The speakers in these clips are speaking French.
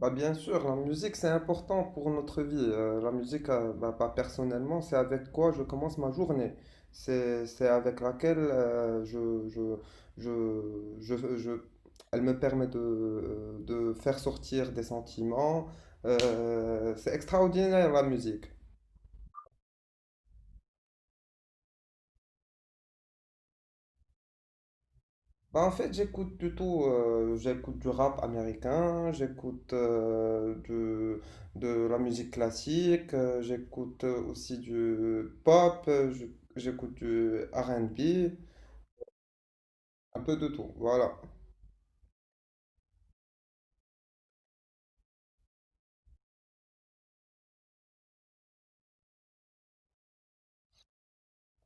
Bah bien sûr, la musique c'est important pour notre vie. La musique, personnellement, c'est avec quoi je commence ma journée. C'est avec laquelle je, je, je- elle me permet de faire sortir des sentiments. C'est extraordinaire la musique. Bah, en fait, j'écoute du rap américain, de la musique classique, j'écoute aussi du pop, j'écoute du R and B un peu de tout, voilà.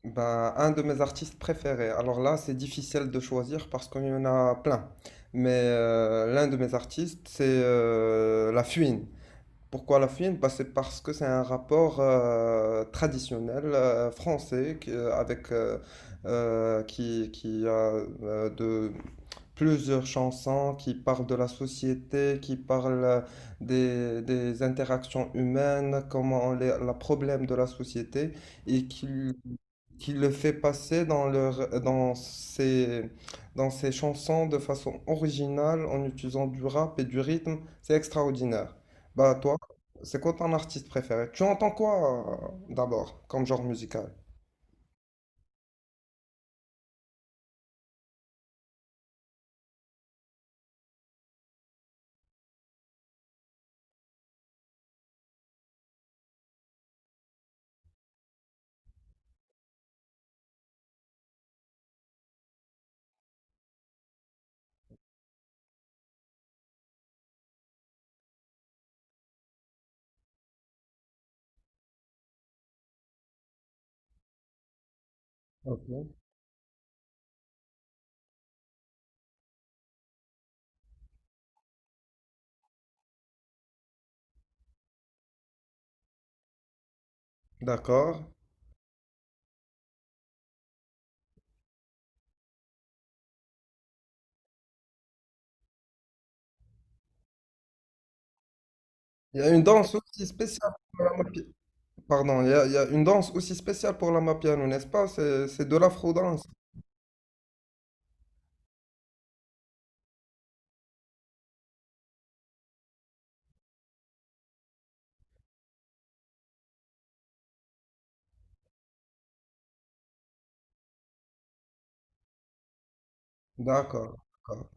Bah, un de mes artistes préférés. Alors là, c'est difficile de choisir parce qu'il y en a plein. L'un de mes artistes, c'est La Fouine. Pourquoi la Fine? Bah, c'est parce que c'est un rapport traditionnel français qui- avec qui a de plusieurs chansons qui parlent de la société, qui parlent des interactions humaines, comment les, la problème de la société, et qui, qui le fait passer dans ses chansons de façon originale en utilisant du rap et du rythme. C'est extraordinaire. Bah toi, c'est quoi ton artiste préféré? Tu entends quoi d'abord comme genre musical? Ok. D'accord. Il y a une danse aussi spéciale pour la mafia. Pardon, il y a une danse aussi spéciale pour l'amapiano, n'est-ce pas? C'est de l'afro-danse. D'accord, d'accord,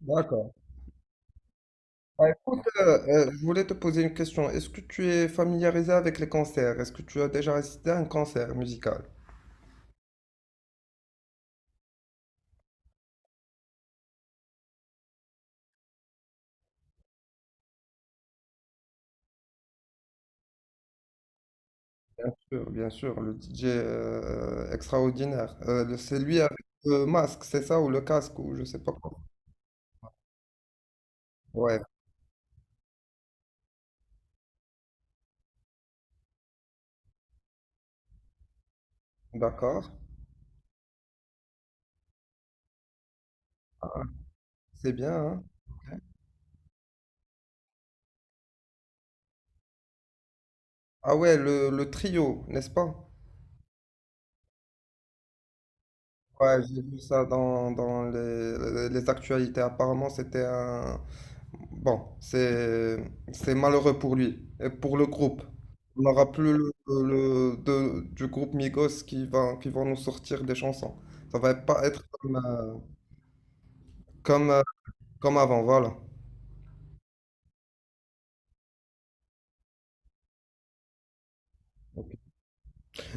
d'accord. Bah, écoute, je voulais te poser une question. Est-ce que tu es familiarisé avec les concerts? Est-ce que tu as déjà assisté à un concert musical? Bien sûr, le DJ extraordinaire. C'est lui avec le masque, c'est ça, ou le casque, ou je sais pas quoi. Ouais, d'accord. Ah, c'est bien, hein. Ah ouais, le trio, n'est-ce pas? Ouais, j'ai vu ça dans les actualités. Apparemment, c'était un... Bon, c'est malheureux pour lui et pour le groupe. On n'aura plus du groupe Migos qui vont nous sortir des chansons. Ça va pas être comme, euh, comme avant, voilà.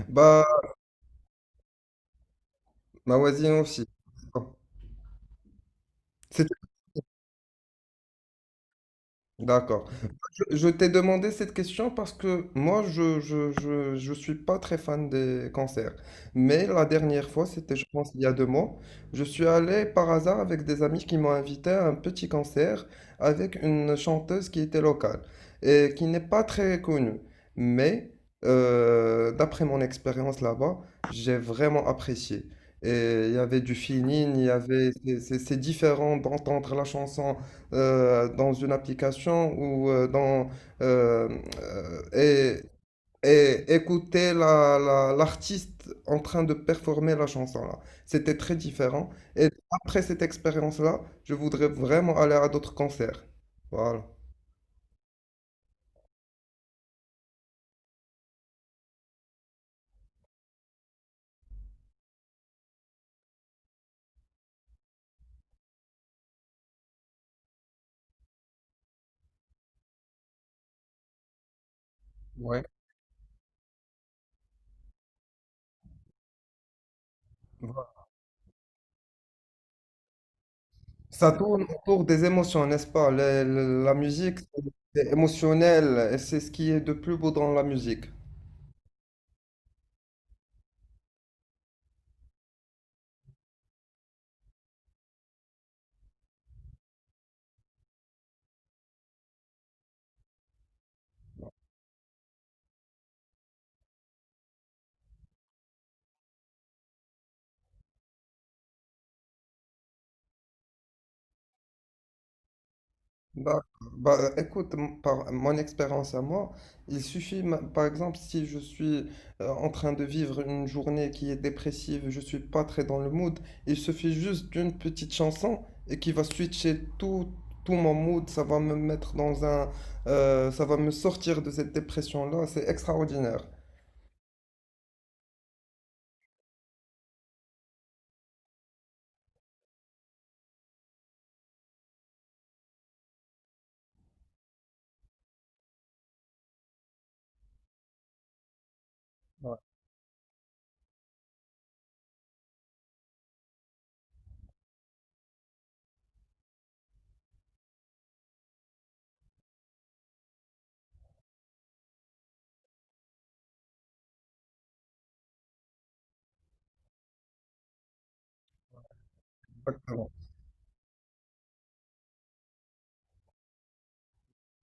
Bah, ma voisine aussi. Bon, c'est- d'accord. Je t'ai demandé cette question parce que moi, je suis pas très fan des concerts. Mais la dernière fois, c'était, je pense, il y a 2 mois, je suis allé par hasard avec des amis qui m'ont invité à un petit concert avec une chanteuse qui était locale et qui n'est pas très connue. Mais d'après mon expérience là-bas, j'ai vraiment apprécié. Et il y avait du feeling, il y avait, c'est différent d'entendre la chanson dans une application euh, euh, et, et écouter l'artiste en train de performer la chanson là. C'était très différent. Et après cette expérience-là, je voudrais vraiment aller à d'autres concerts. Voilà. Ouais. Voilà. Ça tourne autour des émotions, n'est-ce pas? La musique, c'est émotionnel et c'est ce qui est de plus beau dans la musique. D'accord. Écoute, par mon expérience à moi, par exemple, si je suis en train de vivre une journée qui est dépressive, je suis pas très dans le mood, il suffit juste d'une petite chanson et qui va switcher tout, tout mon mood, ça va me mettre dans un, ça va me sortir de cette dépression-là, c'est extraordinaire.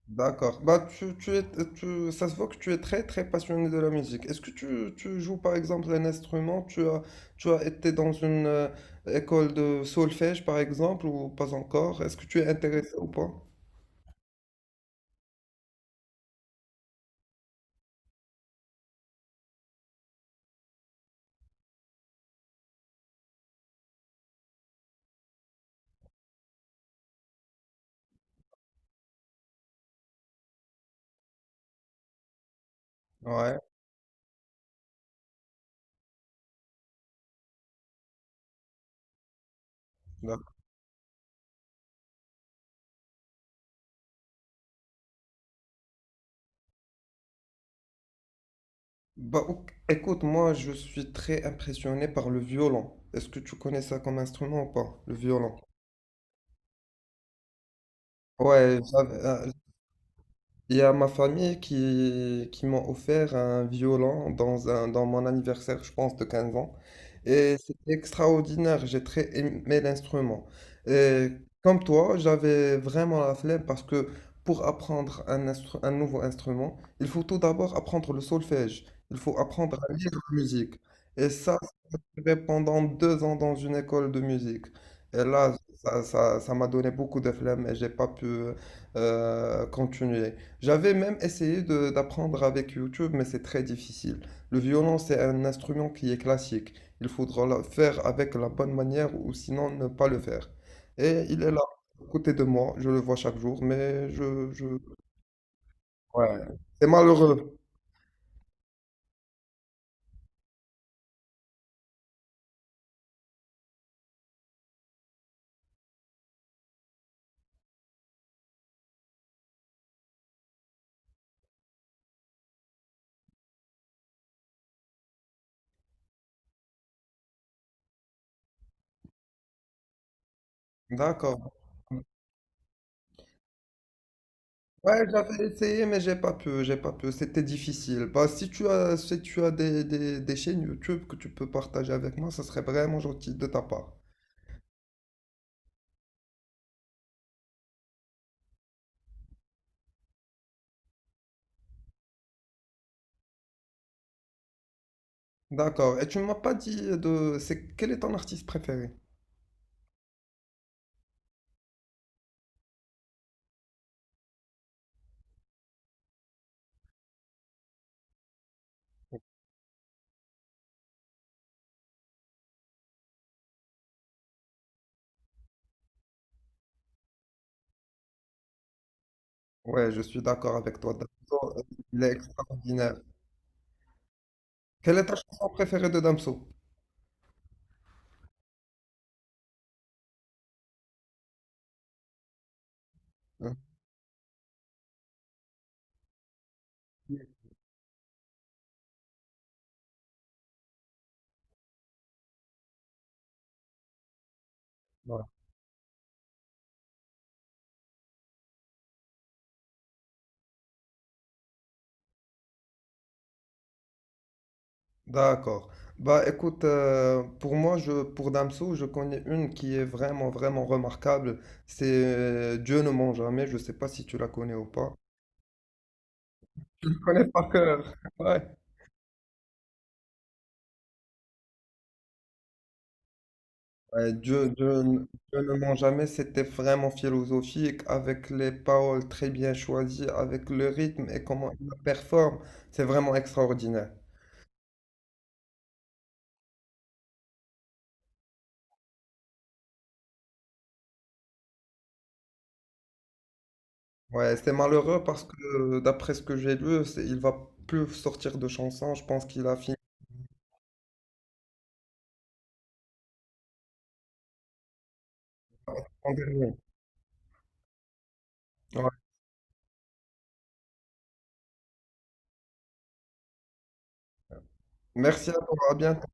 D'accord. Ça se voit que tu es très très passionné de la musique. Est-ce que tu joues par exemple un instrument? Tu as été dans une école de solfège par exemple ou pas encore? Est-ce que tu es intéressé ou pas? Ouais. D'accord. Bah, ok, écoute, moi je suis très impressionné par le violon. Est-ce que tu connais ça comme instrument ou pas? Le violon. Ouais, j'avais Il y a ma famille qui m'ont offert un violon dans mon anniversaire, je pense, de 15 ans. Et c'était extraordinaire, j'ai très aimé l'instrument. Et comme toi, j'avais vraiment la flemme parce que pour apprendre un nouveau instrument, il faut tout d'abord apprendre le solfège, il faut apprendre à lire la musique. Et ça, fait pendant 2 ans dans une école de musique. Et là, ça m'a donné beaucoup de flemme et j'ai pas pu continuer. J'avais même essayé d'apprendre avec YouTube, mais c'est très difficile. Le violon, c'est un instrument qui est classique. Il faudra le faire avec la bonne manière ou sinon ne pas le faire. Et il est là, à côté de moi. Je le vois chaque jour, mais je... Ouais. C'est malheureux. D'accord. Ouais, j'avais essayé, mais j'ai pas pu. C'était difficile. Bah, si tu as des chaînes YouTube que tu peux partager avec moi, ça serait vraiment gentil de ta part. D'accord. Et tu m'as pas dit de, c'est, quel est ton artiste préféré? Ouais, je suis d'accord avec toi. Damso, il est extraordinaire. Quelle est ta chanson préférée de Damso? Hein. Ouais. D'accord. Bah écoute, pour moi, pour Damso, je connais une qui est vraiment remarquable. C'est Dieu ne ment jamais. Je sais pas si tu la connais ou pas. Connaître par cœur. Ouais. Ouais, Dieu ne ment jamais, c'était vraiment philosophique, avec les paroles très bien choisies, avec le rythme et comment il la performe, c'est vraiment extraordinaire. Ouais, c'est malheureux parce que d'après ce que j'ai lu, c'est- il va plus sortir de chansons, je pense qu'il a fini en dernier. Ouais. Merci à toi, à bientôt.